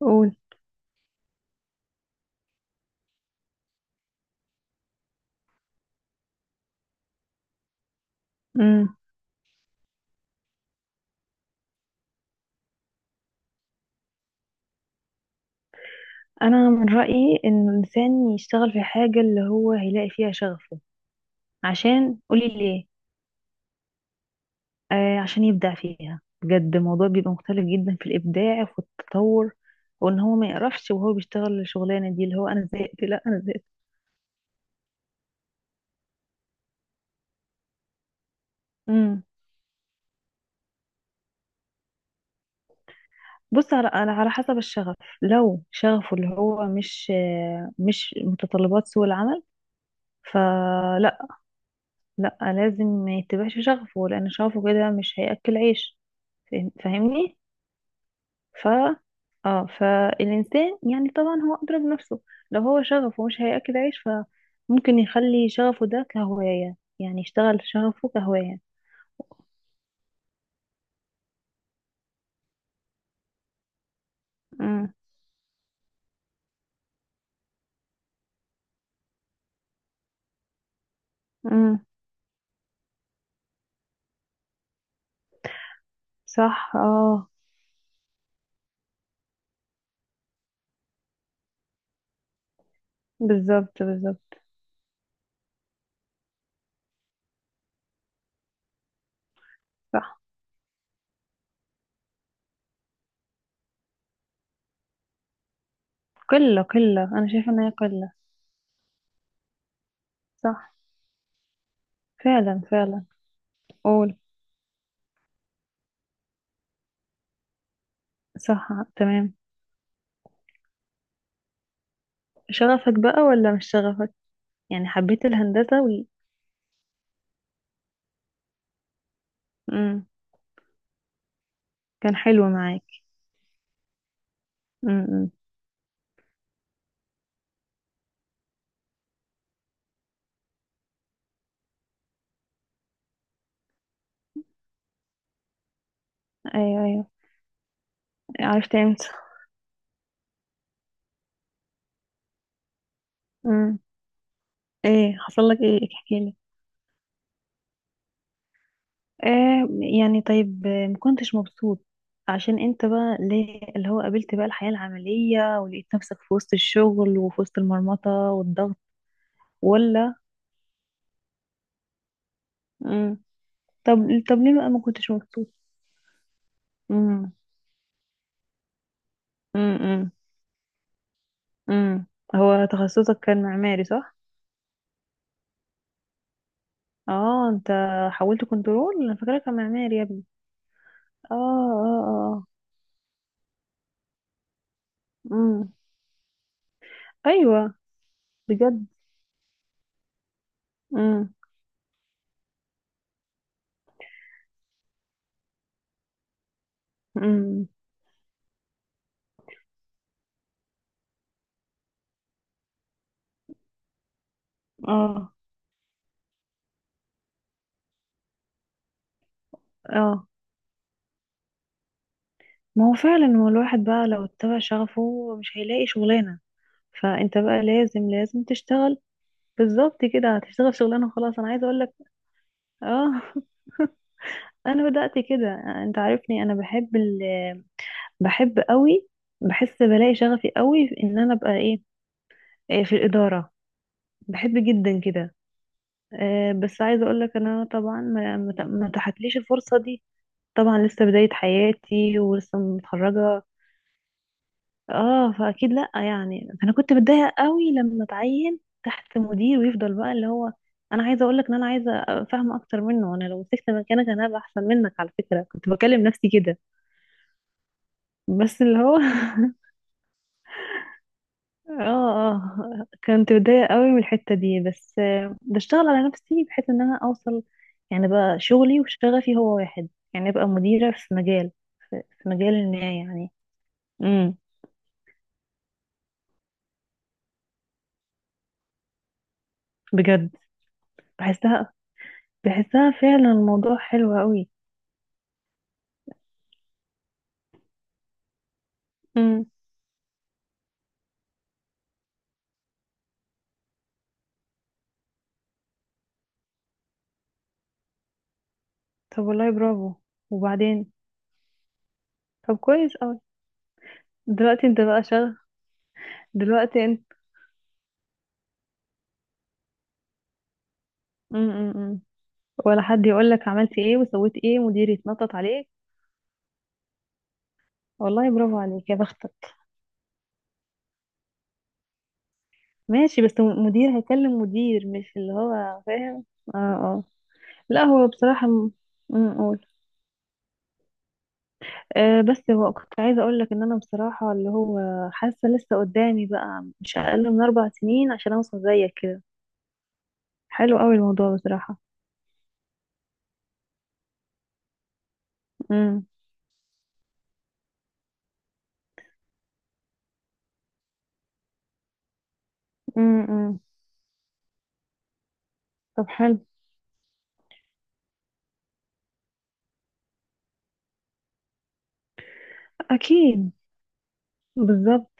قول. امم. انا من رايي ان الانسان يشتغل في حاجه اللي هو هيلاقي فيها شغفه. عشان قولي ليه؟ آه، عشان يبدع فيها بجد. الموضوع بيبقى مختلف جدا في الابداع وفي التطور، وان هو ما يقرفش وهو بيشتغل الشغلانه دي اللي هو انا زهقت، لا انا زهقت. امم. بص على حسب الشغف. لو شغفه اللي هو مش مش متطلبات سوق العمل، فلا. لا لازم ما يتبعش شغفه لان شغفه كده مش هياكل عيش. فاهمني؟ ف اه، فالإنسان يعني طبعا هو أدرى بنفسه. لو هو شغفه مش هياكل عيش فممكن يخلي شغفه ده كهواية، يعني يشتغل شغفه كهواية. امم. امم. صح. اه. بالظبط بالظبط. صح. قلة قلة، أنا شايفة إن هي قلة. صح. فعلا فعلا. قول. صح. تمام. شغفك بقى ولا مش شغفك؟ يعني حبيت الهندسة و... امم. كان حلو معاك. امم. أيوه أيوه. عرفت امتى؟ امم. ايه حصل لك؟ ايه؟ احكي. آه. يعني طيب، مكنتش مبسوط؟ عشان انت بقى ليه، اللي هو قابلت بقى الحياة العملية ولقيت نفسك في وسط الشغل وفي وسط المرمطة والضغط؟ ولا؟ امم. طب، طب ليه بقى ما كنتش مبسوط؟ امم. امم. امم. هو تخصصك كان معماري صح؟ اه، انت حولت كنترول؟ انا فاكرك كان معماري يا ابني. اه اه اه. امم. ايوه. بجد. امم. امم. اه اه، ما هو فعلا هو الواحد بقى لو اتبع شغفه مش هيلاقي شغلانة، فانت بقى لازم لازم تشتغل. بالظبط كده، هتشتغل شغلانة خلاص. انا عايزة اقول لك، اه انا بدأت كده. انت عارفني انا بحب ال... بحب قوي. بحس بلاقي شغفي قوي في ان انا ابقى ايه؟ إيه في الإدارة. بحب جدا كده. بس عايزة اقول لك انا طبعا ما اتاحتليش الفرصة دي. طبعا لسه بداية حياتي ولسه متخرجة. اه فاكيد لا، يعني انا كنت متضايقه قوي لما اتعين تحت مدير ويفضل بقى اللي هو. انا عايزه اقول لك ان انا عايزه افهم اكتر منه. انا لو مسكت مكانك انا هبقى احسن منك، على فكره، كنت بكلم نفسي كده. بس اللي هو اه اه، كنت متضايقه قوي من الحته دي، بس بشتغل على نفسي بحيث ان انا اوصل، يعني بقى شغلي وشغفي هو واحد. يعني ابقى مديره في مجال، في مجال ما يعني. امم. بجد. بحسها، بحسها فعلا الموضوع حلو قوي. طب والله برافو. وبعدين؟ طب كويس قوي. دلوقتي انت بقى شغل؟ دلوقتي انت. م -م -م. ولا حد يقول لك عملت ايه وسويت ايه، مدير يتنطط عليك. والله برافو عليك، يا بختك. ماشي، بس مدير هيكلم مدير، مش اللي هو فاهم. اه اه. لا هو بصراحة قول. آه بس هو، كنت عايزة اقول لك ان انا بصراحة اللي هو حاسة لسه قدامي بقى مش اقل من اربع سنين عشان اوصل زيك كده. حلو قوي الموضوع بصراحة. م -م -م. طب حلو. اكيد. بالظبط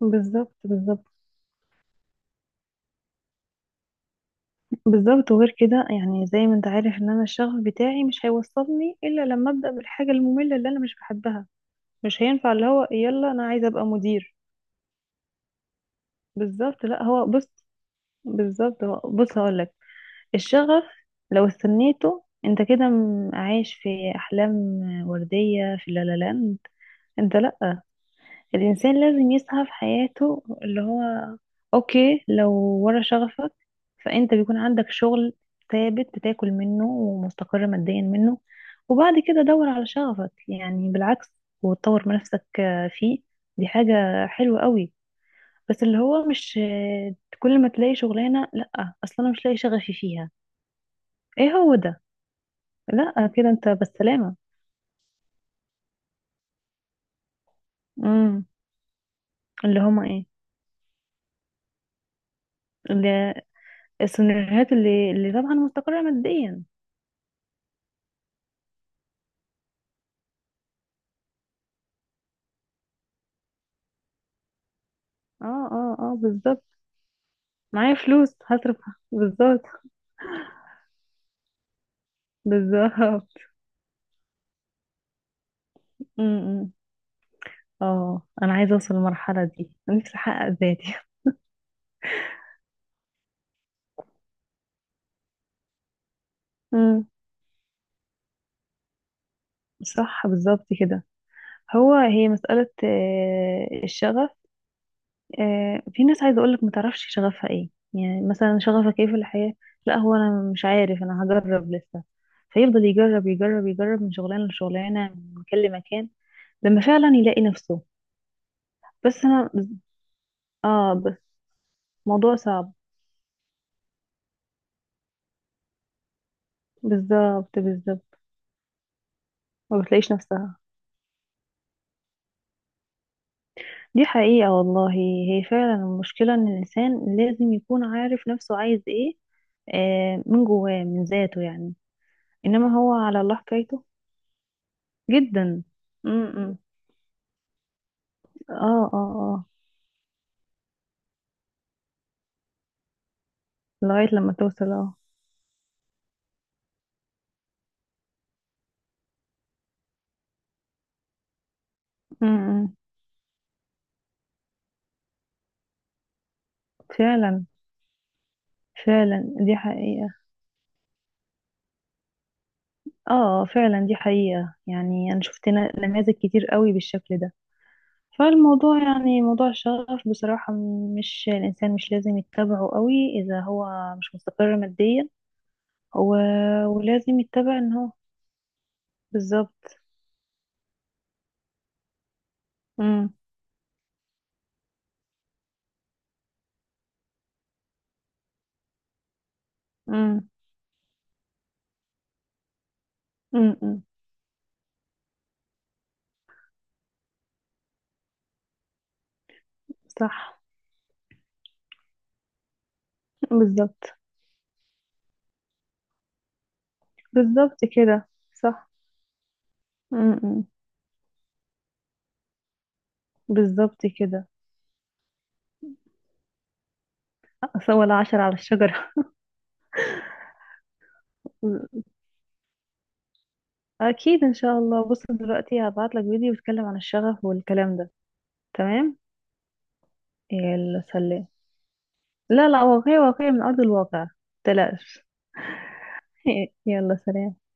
بالظبط. بالظبط بالظبط وغير كده، يعني زي ما انت عارف ان انا الشغف بتاعي مش هيوصلني الا لما ابدا بالحاجه الممله اللي انا مش بحبها. مش هينفع اللي هو يلا انا عايزه ابقى مدير. بالظبط. لا هو بص. بالظبط هو بص هقول لك. الشغف، لو استنيته انت كده عايش في احلام ورديه في لا لا لاند. انت لا. الانسان لازم يسعى في حياته، اللي هو، اوكي، لو ورا شغفك فانت بيكون عندك شغل ثابت بتاكل منه ومستقر ماديا منه. وبعد كده دور على شغفك، يعني بالعكس. وتطور من نفسك فيه. دي حاجة حلوة قوي. بس اللي هو مش كل ما تلاقي شغلانة لا اصلا انا مش لاقي شغفي فيها. ايه هو ده. لا كده انت بالسلامة. امم. اللي هما ايه؟ اللي السيناريوهات اللي طبعا مستقرة ماديا. اه اه اه. بالظبط. معايا فلوس هصرف. بالظبط بالظبط. امم. اه، انا عايزه اوصل للمرحله دي، نفسي احقق ذاتي امم. صح بالظبط كده. هو هي مساله الشغف. في ناس، عايزه اقول لك، ما تعرفش شغفها ايه، يعني مثلا شغفك ايه في الحياه؟ لا هو انا مش عارف، انا هجرب لسه. فيفضل يجرب يجرب يجرب من شغلانه لشغلانه، من مكان لمكان، لما فعلا يلاقي نفسه. بس انا اه بس موضوع صعب. بالظبط بالظبط. ما بتلاقيش نفسها. دي حقيقة والله، هي فعلا المشكلة ان الانسان لازم يكون عارف نفسه عايز ايه، من جواه من ذاته يعني. انما هو على الله حكايته. جدا. م-م. اه اه اه. لغاية لما توصل، اه. م-م. فعلا. فعلا دي حقيقة. اه. فعلا دي حقيقة، يعني انا شفت نماذج كتير قوي بالشكل ده. فالموضوع، يعني موضوع الشغف بصراحة، مش الانسان مش لازم يتبعه قوي اذا هو مش مستقر ماديا و... ولازم يتبع ان هو. بالظبط. امم. امم. امم. صح. بالظبط. بالظبط كده صح. امم. بالظبط كده أصل، ولا عشرة على الشجرة. اكيد ان شاء الله. بص دلوقتي هبعت لك فيديو بيتكلم عن الشغف والكلام ده. تمام. يلا سلام. لا لا، واقعي، واقعي من ارض الواقع، متقلقش. يلا سلام.